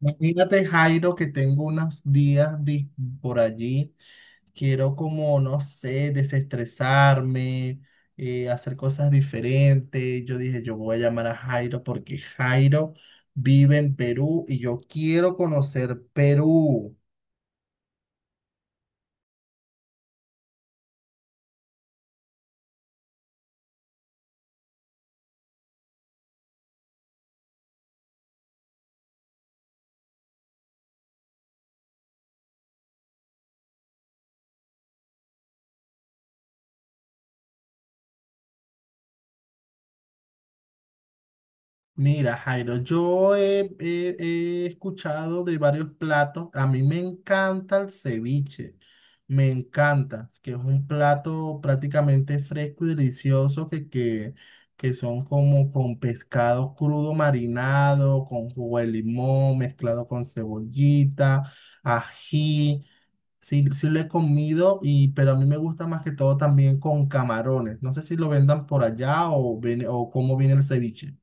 Imagínate, Jairo, que tengo unos días por allí. Quiero como, no sé, desestresarme, hacer cosas diferentes. Yo dije, yo voy a llamar a Jairo porque Jairo vive en Perú y yo quiero conocer Perú. Mira, Jairo, yo he escuchado de varios platos. A mí me encanta el ceviche, me encanta, que es un plato prácticamente fresco y delicioso que son como con pescado crudo marinado, con jugo de limón, mezclado con cebollita, ají. Sí, sí lo he comido, y, pero a mí me gusta más que todo también con camarones. No sé si lo vendan por allá o, o cómo viene el ceviche.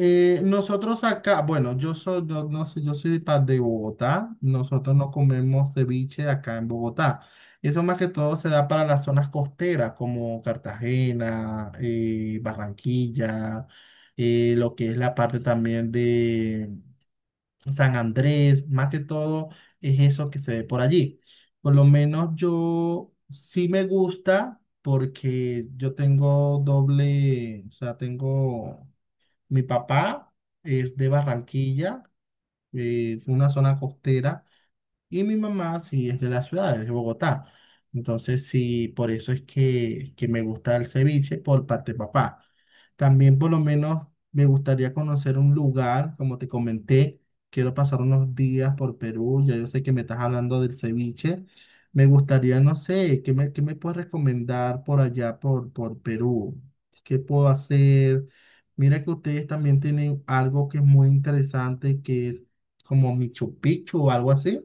Nosotros acá, bueno, yo soy, yo, no sé, yo soy de Bogotá, nosotros no comemos ceviche acá en Bogotá. Eso más que todo se da para las zonas costeras como Cartagena, Barranquilla, lo que es la parte también de San Andrés, más que todo es eso que se ve por allí. Por lo menos yo sí me gusta porque yo tengo doble, o sea, tengo... Mi papá es de Barranquilla, una zona costera. Y mi mamá sí es de la ciudad, es de Bogotá. Entonces sí, por eso es que me gusta el ceviche por parte de papá. También por lo menos me gustaría conocer un lugar, como te comenté, quiero pasar unos días por Perú, ya yo sé que me estás hablando del ceviche. Me gustaría, no sé, qué me puedes recomendar por allá, por Perú? ¿Qué puedo hacer? Mira que ustedes también tienen algo que es muy interesante, que es como Machu Picchu o algo así.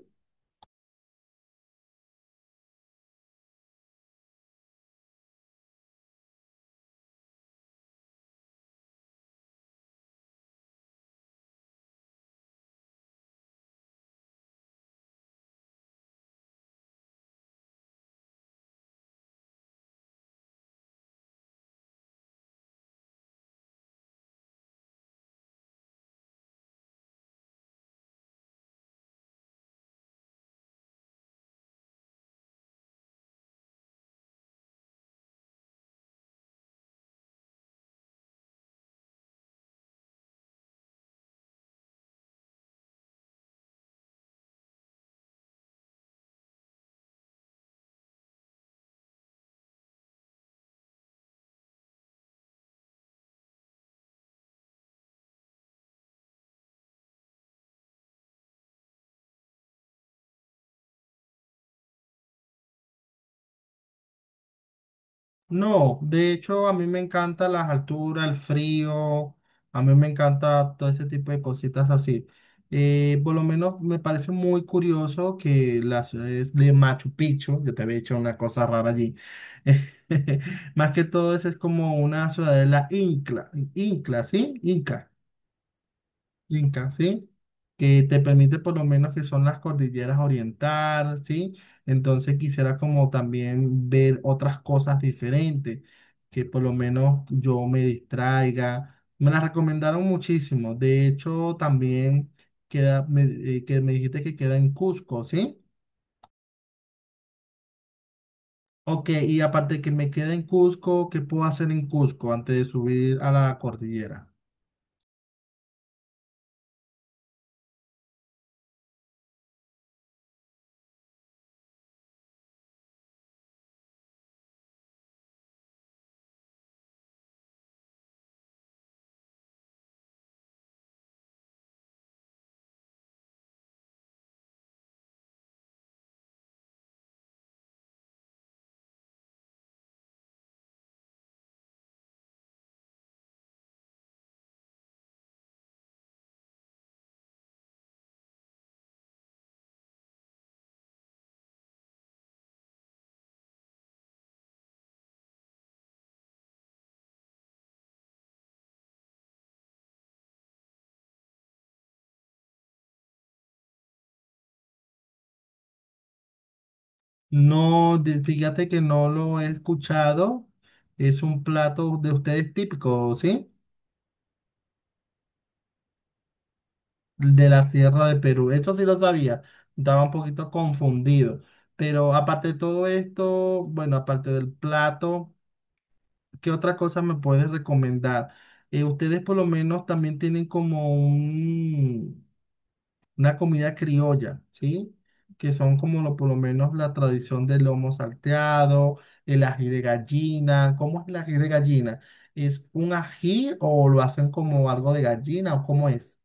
No, de hecho a mí me encanta las alturas, el frío, a mí me encanta todo ese tipo de cositas así. Por lo menos me parece muy curioso que las ciudades de Machu Picchu, yo te había dicho una cosa rara allí, más que todo eso es como una ciudadela ¿sí? Inca. Inca, ¿sí? Que te permite por lo menos que son las cordilleras oriental, ¿sí? Entonces quisiera como también ver otras cosas diferentes, que por lo menos yo me distraiga. Me las recomendaron muchísimo. De hecho, también queda, me- que me dijiste que queda en Cusco, ¿sí? Ok, y aparte que me queda en Cusco, ¿qué puedo hacer en Cusco antes de subir a la cordillera? No, fíjate que no lo he escuchado. Es un plato de ustedes típico, ¿sí? De la Sierra de Perú. Eso sí lo sabía. Estaba un poquito confundido. Pero aparte de todo esto, bueno, aparte del plato, ¿qué otra cosa me puedes recomendar? Ustedes por lo menos también tienen como un, una comida criolla, ¿sí? Que son como por lo menos la tradición del lomo salteado, el ají de gallina. ¿Cómo es el ají de gallina? ¿Es un ají o lo hacen como algo de gallina o cómo es?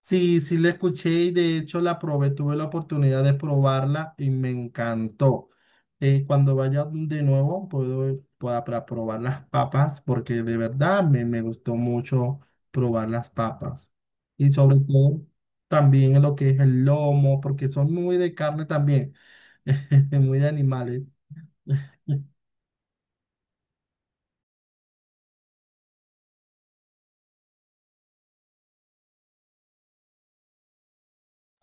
Sí, sí la escuché y de hecho la probé, tuve la oportunidad de probarla y me encantó. Cuando vaya de nuevo puedo pueda para probar las papas porque de verdad me gustó mucho probar las papas. Y sobre todo también en lo que es el lomo, porque son muy de carne también, muy de animales.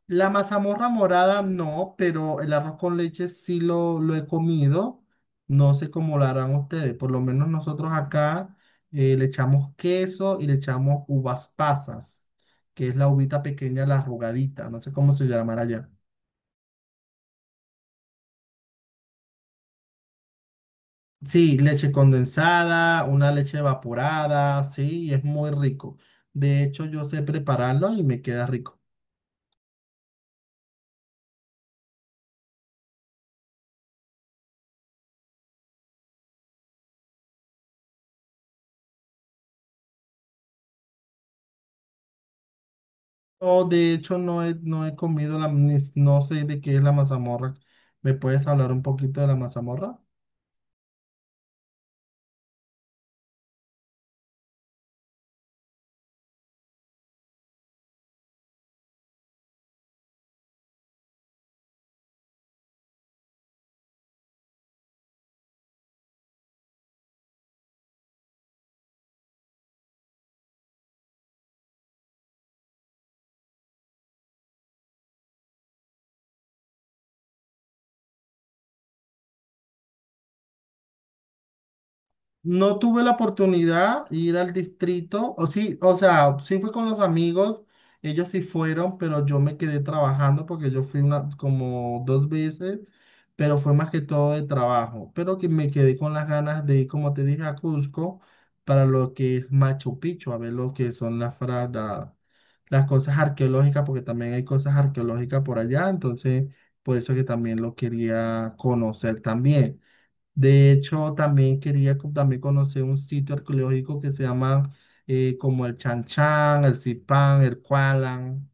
La mazamorra morada no, pero el arroz con leche sí lo he comido. No sé cómo lo harán ustedes. Por lo menos nosotros acá le echamos queso y le echamos uvas pasas, que es la uvita pequeña, la arrugadita. No sé cómo se llamará allá. Sí, leche condensada, una leche evaporada, sí, y es muy rico. De hecho, yo sé prepararlo y me queda rico. No, de hecho no he comido la, no sé de qué es la mazamorra. ¿Me puedes hablar un poquito de la mazamorra? No tuve la oportunidad de ir al distrito, o sí, o sea, sí fui con los amigos, ellos sí fueron, pero yo me quedé trabajando porque yo fui una, como dos veces, pero fue más que todo de trabajo, pero que me quedé con las ganas de ir, como te dije, a Cusco para lo que es Machu Picchu, a ver lo que son las cosas arqueológicas, porque también hay cosas arqueológicas por allá, entonces por eso que también lo quería conocer también. De hecho, también quería también conocer un sitio arqueológico que se llama como el Chan Chan, el Zipán, el Kualan.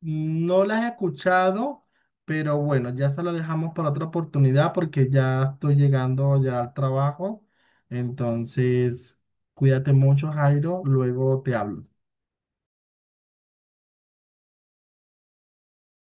No las he escuchado, pero bueno, ya se lo dejamos para otra oportunidad porque ya estoy llegando ya al trabajo. Entonces, cuídate mucho, Jairo. Luego te hablo.